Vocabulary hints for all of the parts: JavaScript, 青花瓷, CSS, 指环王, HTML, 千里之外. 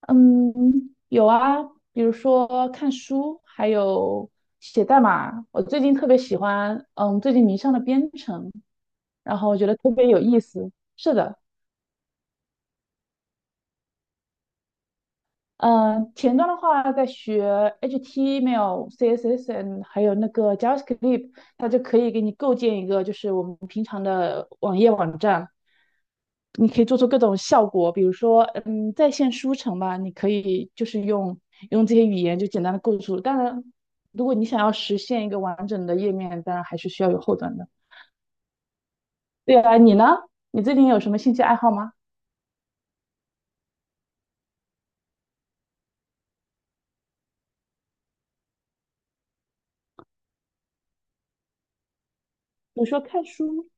嗯，有啊，比如说看书，还有写代码。我最近特别喜欢，最近迷上了编程，然后我觉得特别有意思。是的。嗯，前端的话，在学 HTML、CSS，C S S N，还有那个 JavaScript，它就可以给你构建一个，就是我们平常的网页网站。你可以做出各种效果，比如说，在线书城吧，你可以就是用这些语言就简单的构筑。当然，如果你想要实现一个完整的页面，当然还是需要有后端的。对啊，你呢？你最近有什么兴趣爱好吗？比如说看书？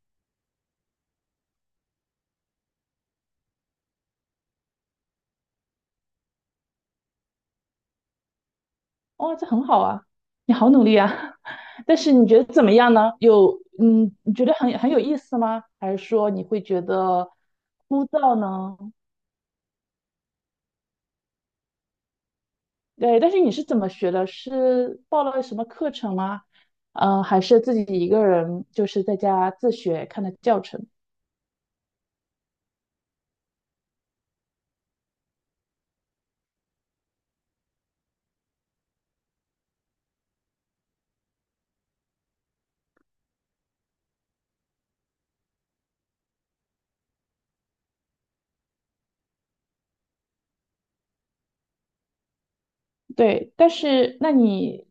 哦，这很好啊，你好努力啊！但是你觉得怎么样呢？有，你觉得很有意思吗？还是说你会觉得枯燥呢？对，但是你是怎么学的？是报了什么课程吗？还是自己一个人就是在家自学看的教程？对，但是那你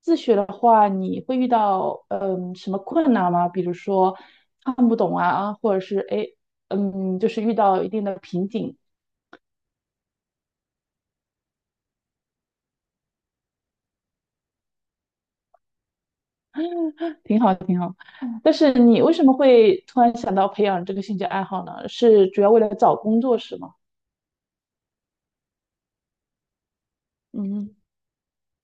自学的话，你会遇到什么困难吗？比如说看不懂啊，或者是哎，就是遇到一定的瓶颈。挺好，挺好。但是你为什么会突然想到培养这个兴趣爱好呢？是主要为了找工作是吗？嗯。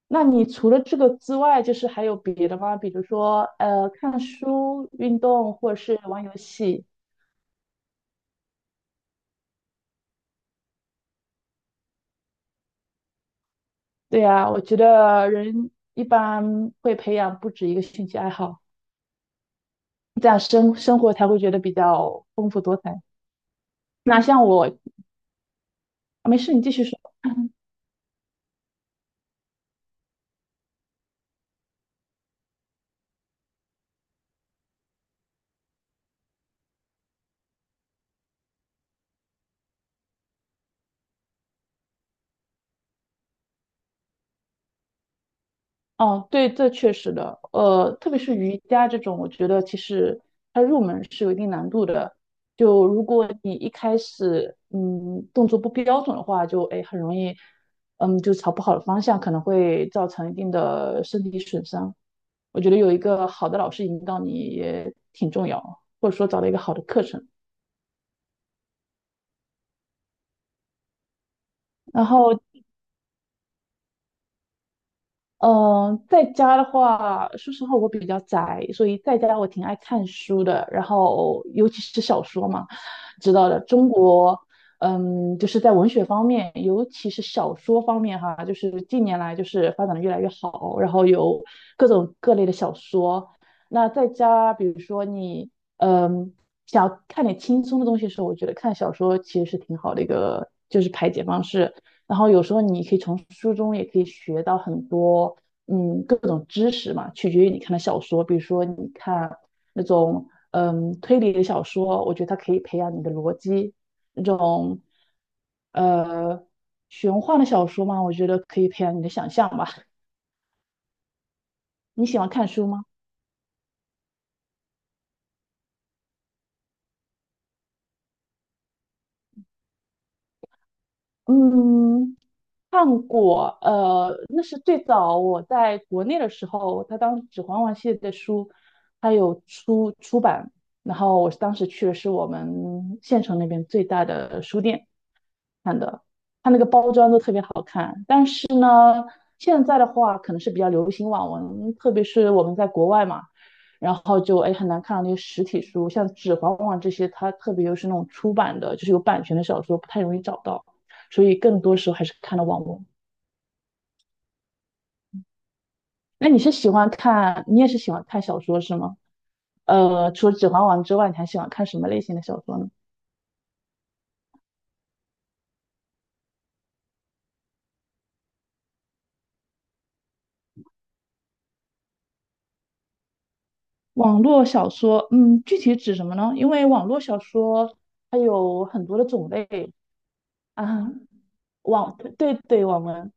那你除了这个之外，就是还有别的吗？比如说，看书、运动，或者是玩游戏。对呀，我觉得人一般会培养不止一个兴趣爱好，这样生活才会觉得比较丰富多彩。那像我，啊没事，你继续说。哦，对，这确实的，特别是瑜伽这种，我觉得其实它入门是有一定难度的。就如果你一开始，动作不标准的话，就哎很容易，就朝不好的方向，可能会造成一定的身体损伤。我觉得有一个好的老师引导你也挺重要，或者说找到一个好的课程。然后嗯，在家的话，说实话我比较宅，所以在家我挺爱看书的。然后尤其是小说嘛，知道的，中国，就是在文学方面，尤其是小说方面哈，就是近年来就是发展的越来越好，然后有各种各类的小说。那在家，比如说你，嗯，想要看点轻松的东西的时候，我觉得看小说其实是挺好的一个就是排解方式。然后有时候你可以从书中也可以学到很多，各种知识嘛，取决于你看的小说。比如说你看那种推理的小说，我觉得它可以培养你的逻辑；那种呃玄幻的小说嘛，我觉得可以培养你的想象吧。你喜欢看书吗？嗯，看过，那是最早我在国内的时候，他当《指环王》系列的书，他有出版，然后我当时去的是我们县城那边最大的书店看的，它那个包装都特别好看。但是呢，现在的话可能是比较流行网文，特别是我们在国外嘛，然后就哎很难看到那些实体书，像《指环王》这些，它特别又是那种出版的，就是有版权的小说，不太容易找到。所以更多时候还是看的网文。那你也是喜欢看小说是吗？除了《指环王》之外，你还喜欢看什么类型的小说呢？网络小说，具体指什么呢？因为网络小说它有很多的种类啊，对对，网文，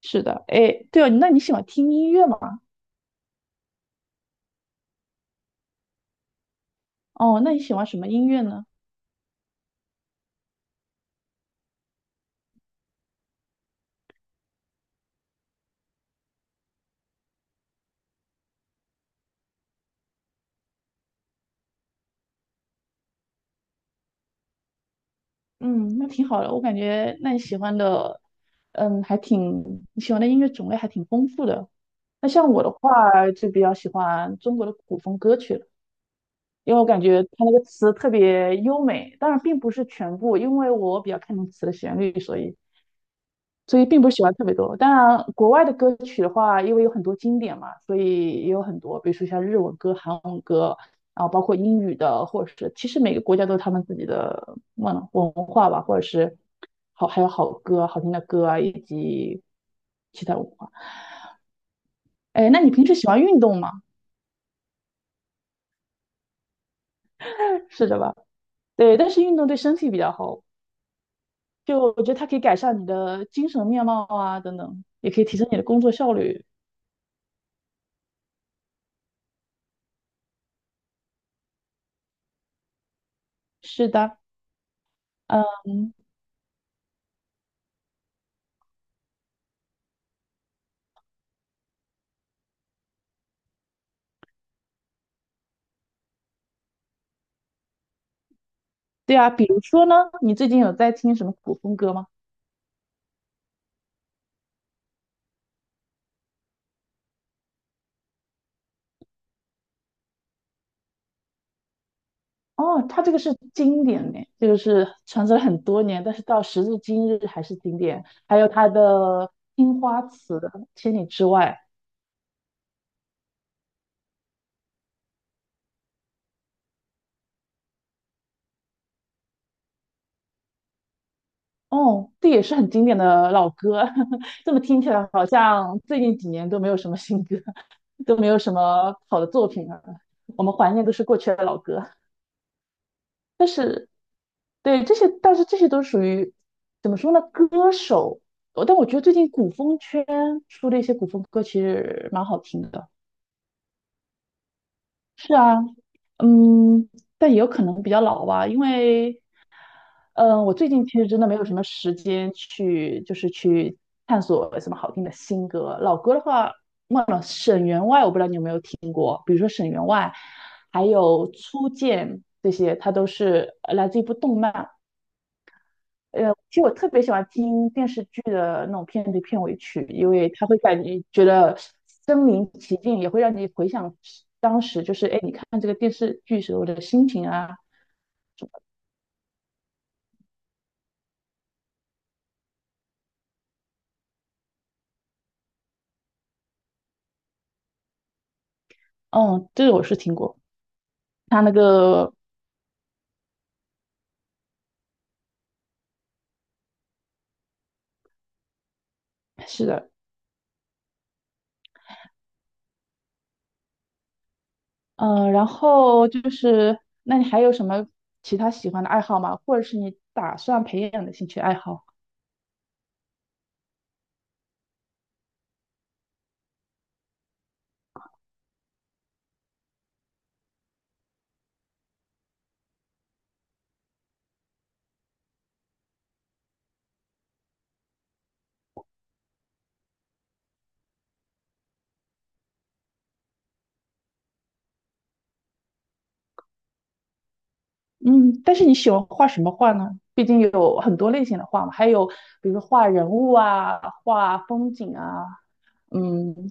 是的，哎，对哦，那你喜欢听音乐吗？哦，那你喜欢什么音乐呢？嗯，那挺好的，我感觉那你喜欢的，你喜欢的音乐种类还挺丰富的。那像我的话，就比较喜欢中国的古风歌曲了，因为我感觉它那个词特别优美，当然并不是全部，因为我比较看重词的旋律，所以并不是喜欢特别多。当然，国外的歌曲的话，因为有很多经典嘛，所以也有很多，比如说像日文歌、韩文歌，然后包括英语的，或者是其实每个国家都有他们自己的文化吧，或者是好还有好歌、好听的歌啊，以及其他文化。哎，那你平时喜欢运动吗？是的吧？对，但是运动对身体比较好，就我觉得它可以改善你的精神面貌啊，等等，也可以提升你的工作效率。是的，嗯，对啊，比如说呢，你最近有在听什么古风歌吗？哦，它这个是经典呢，这个是传承了很多年，但是到时至今日还是经典。还有它的《青花瓷》《千里之外》，哦，这也是很经典的老歌。这么听起来，好像最近几年都没有什么新歌，都没有什么好的作品了。我们怀念都是过去的老歌。对，这些，但是这些都属于怎么说呢？歌手，但我觉得最近古风圈出的一些古风歌其实蛮好听的，嗯，但也有可能比较老吧，因为，我最近其实真的没有什么时间去，就是去探索什么好听的新歌。老歌的话，沈员外我不知道你有没有听过，比如说沈员外，还有初见这些，它都是来自一部动漫，其实我特别喜欢听电视剧的那种片头片尾曲，因为它会感觉觉得身临其境，也会让你回想当时就是哎，你看这个电视剧时候的心情啊。嗯，这个我是听过。它那个是的，嗯，然后就是，那你还有什么其他喜欢的爱好吗？或者是你打算培养的兴趣爱好？嗯，但是你喜欢画什么画呢？毕竟有很多类型的画嘛，还有比如说画人物啊、画风景啊，嗯，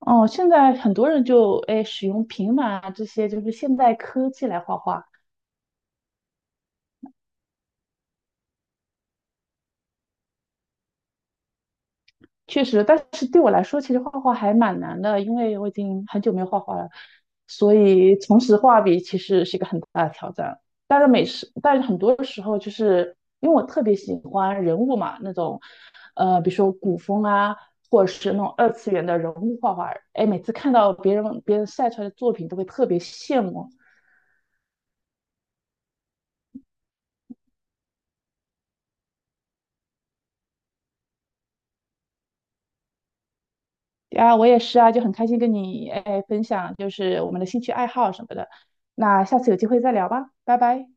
哦，现在很多人就哎使用平板啊这些就是现代科技来画画，确实，但是对我来说，其实画画还蛮难的，因为我已经很久没有画画了，所以重拾画笔其实是一个很大的挑战。但是很多时候就是因为我特别喜欢人物嘛，那种比如说古风啊，或者是那种二次元的人物画画，哎，每次看到别人晒出来的作品，都会特别羡慕，啊，我也是啊，就很开心跟你哎分享，就是我们的兴趣爱好什么的。那下次有机会再聊吧，拜拜。